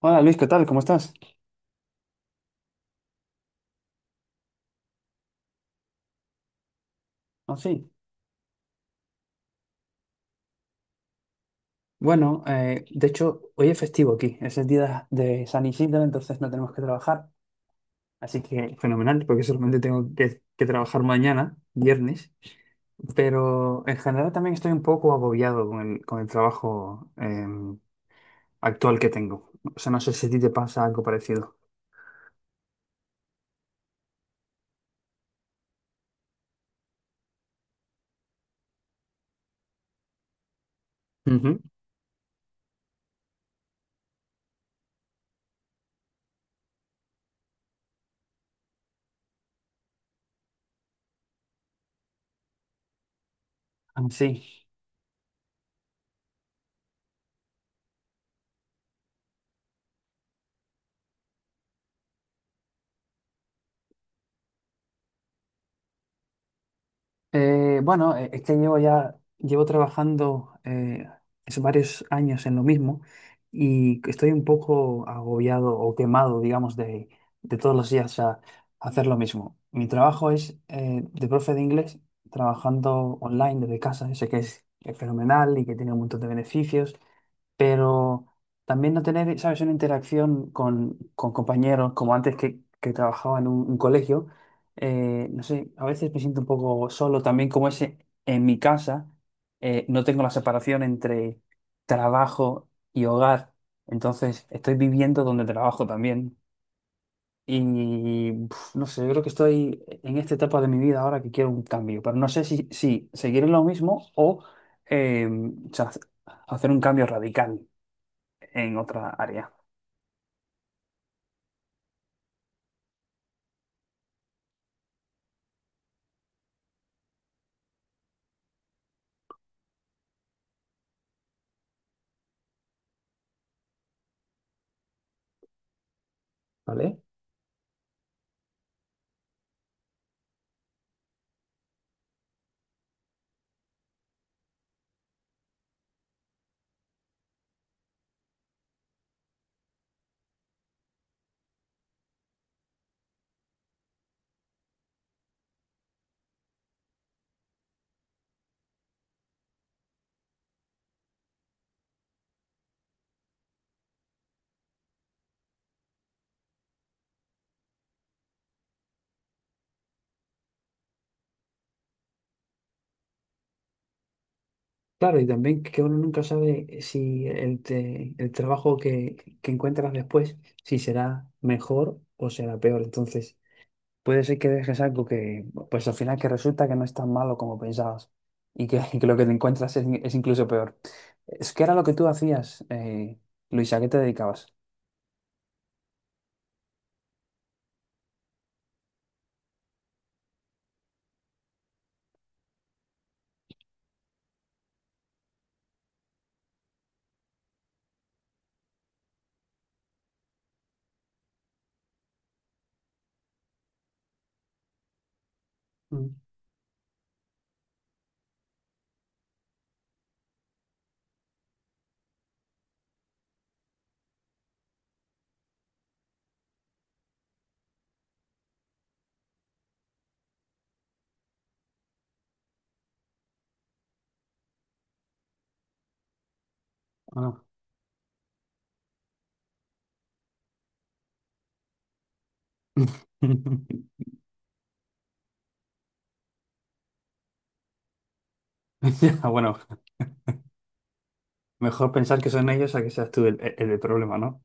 Hola Luis, ¿qué tal? ¿Cómo estás? Ah, sí. Bueno, de hecho, hoy es festivo aquí, es el día de San Isidro, entonces no tenemos que trabajar, así que fenomenal, porque solamente tengo que trabajar mañana, viernes, pero en general también estoy un poco agobiado con el trabajo actual que tengo. O sea, no sé si a ti te pasa algo parecido. Ujú. Ah, sí. Bueno, es que llevo trabajando es varios años en lo mismo y estoy un poco agobiado o quemado, digamos, de todos los días a hacer lo mismo. Mi trabajo es de profe de inglés, trabajando online desde casa. Sé que es fenomenal y que tiene un montón de beneficios, pero también no tener, ¿sabes?, una interacción con compañeros, como antes que trabajaba en un colegio, no sé, a veces me siento un poco solo también, como ese, en mi casa, no tengo la separación entre trabajo y hogar, entonces estoy viviendo donde trabajo también. Y pf, no sé, yo creo que estoy en esta etapa de mi vida ahora que quiero un cambio, pero no sé si seguir en lo mismo eh, o sea, hacer un cambio radical en otra área. ¿Vale? Claro, y también que uno nunca sabe si el trabajo que encuentras después, si será mejor o será peor. Entonces, puede ser que dejes algo que, pues al final que resulta que no es tan malo como pensabas y que, y que lo que te encuentras es incluso peor. Es que era lo que tú hacías, Luisa, ¿a qué te dedicabas? Mm, ah. Ya, bueno, mejor pensar que son ellos a que seas tú el problema, ¿no?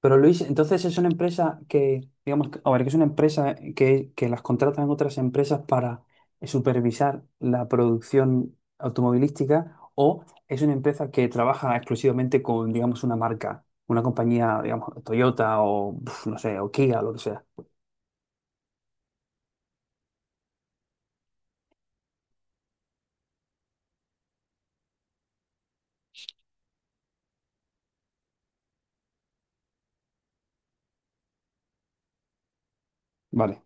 Pero Luis, entonces es una empresa que, digamos, a ver, que es una empresa que las contratan otras empresas para supervisar la producción automovilística o es una empresa que trabaja exclusivamente con, digamos, una marca, una compañía, digamos, Toyota o, pf, no sé, o Kia, lo que sea. Vale,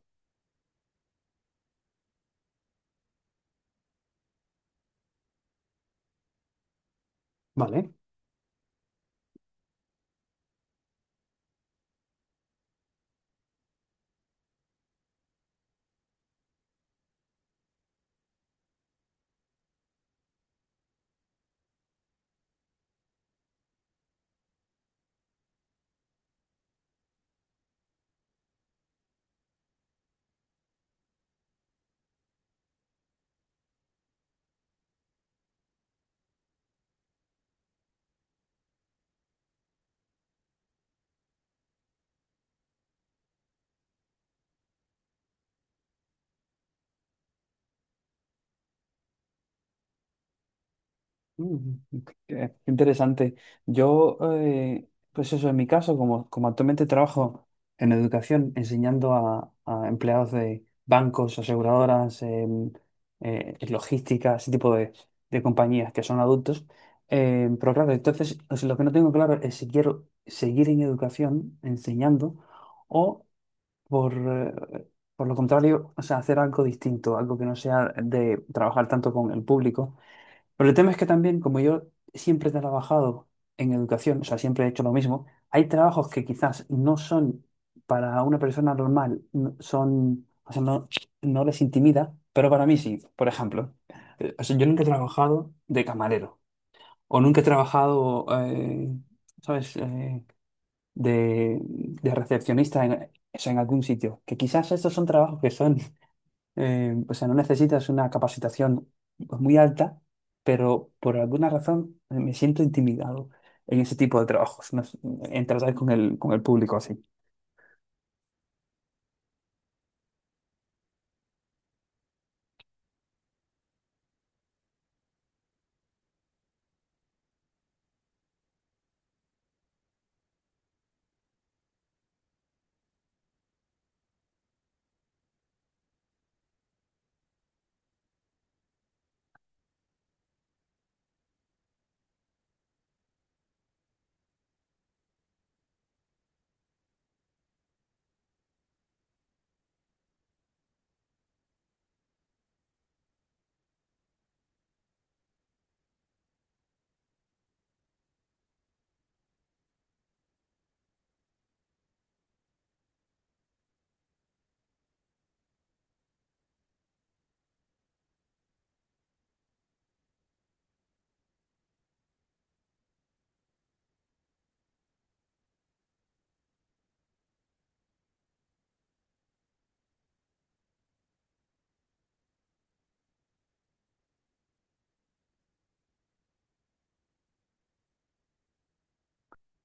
vale. Mm, ok, qué interesante. Yo, pues eso, en mi caso, como actualmente trabajo en educación, enseñando a empleados de bancos, aseguradoras, logística, ese tipo de compañías que son adultos. Pero claro, entonces, o sea, lo que no tengo claro es si quiero seguir en educación, enseñando, o por, eh, por lo contrario, o sea, hacer algo distinto, algo que no sea de trabajar tanto con el público. Pero el tema es que también, como yo siempre he trabajado en educación, o sea, siempre he hecho lo mismo, hay trabajos que quizás no son para una persona normal, son, o sea, no, no les intimida, pero para mí sí. Por ejemplo, o sea, yo nunca he trabajado de camarero o nunca he trabajado, ¿sabes?, de recepcionista en, o sea, en algún sitio. Que quizás estos son trabajos que son o sea, no necesitas una capacitación pues, muy alta, pero por alguna razón me siento intimidado en ese tipo de trabajos, no sé, en tratar con con el público así.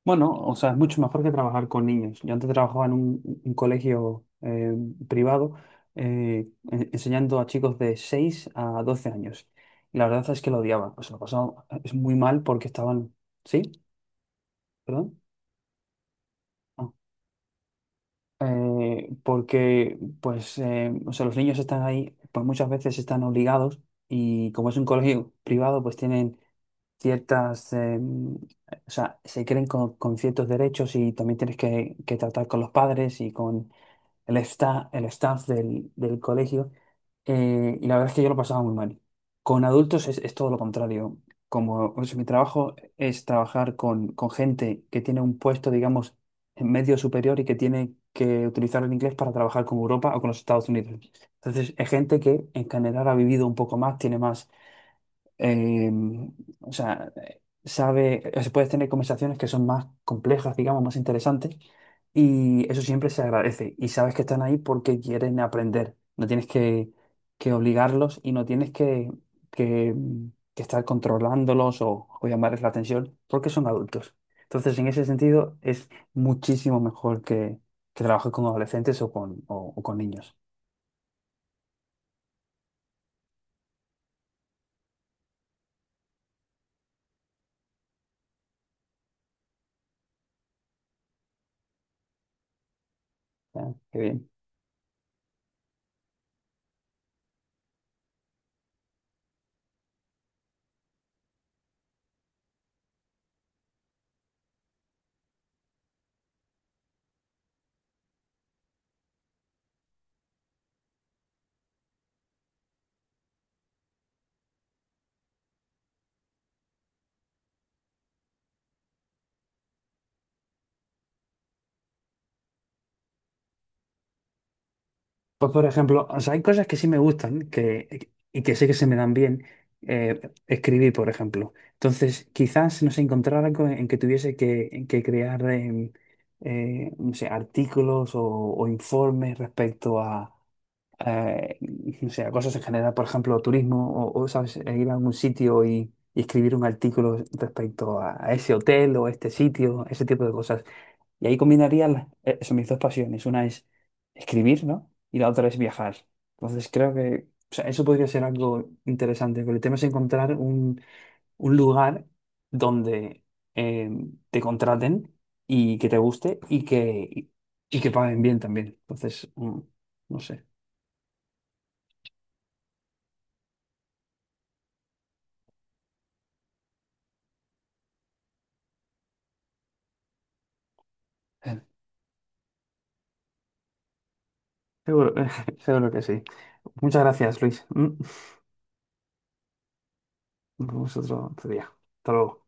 Bueno, o sea, es mucho mejor que trabajar con niños. Yo antes trabajaba en un colegio privado enseñando a chicos de 6 a 12 años. Y la verdad es que lo odiaba. O sea, lo pasaba es muy mal porque estaban... ¿Sí? ¿Perdón? Ah. Porque pues, o sea, los niños están ahí, pues muchas veces están obligados y como es un colegio privado, pues tienen ciertas, o sea, se creen con ciertos derechos y también tienes que tratar con los padres y con, el staff del colegio, y la verdad es que yo lo pasaba muy mal. Con adultos es todo lo contrario. Como o sea, mi trabajo es trabajar con gente que tiene un puesto, digamos, en medio superior y que tiene que utilizar el inglés para trabajar con Europa o con los Estados Unidos. Entonces, es gente que en general ha vivido un poco más, tiene más eh, o sea, sabe, o sea, puedes tener conversaciones que son más complejas, digamos, más interesantes, y eso siempre se agradece. Y sabes que están ahí porque quieren aprender. No tienes que obligarlos y no tienes que, mm, que estar controlándolos o llamarles la atención porque son adultos. Entonces, en ese sentido, es muchísimo mejor que trabajes con adolescentes o con niños. ¿Eh? Qué bien. Pues por ejemplo, o sea, hay cosas que sí me gustan que, y que sé que se me dan bien eh, escribir, por ejemplo. Entonces, quizás no sé, encontrar algo en que tuviese que crear no sé, artículos o informes respecto a, eh, no sé, a cosas en general, por ejemplo, turismo o, ¿sabes? E ir a algún sitio y escribir un artículo respecto a ese hotel o a este sitio, ese tipo de cosas. Y ahí combinaría eso, mis dos pasiones. Una es escribir, ¿no? Y la otra es viajar. Entonces creo que o sea, eso podría ser algo interesante, pero el tema es encontrar un lugar donde eh, te contraten y que te guste y que paguen bien también. Entonces, mm, no sé. Eh, Seguro, seguro que sí. Muchas gracias, Luis. Mm, nos vemos otro día. Hasta luego.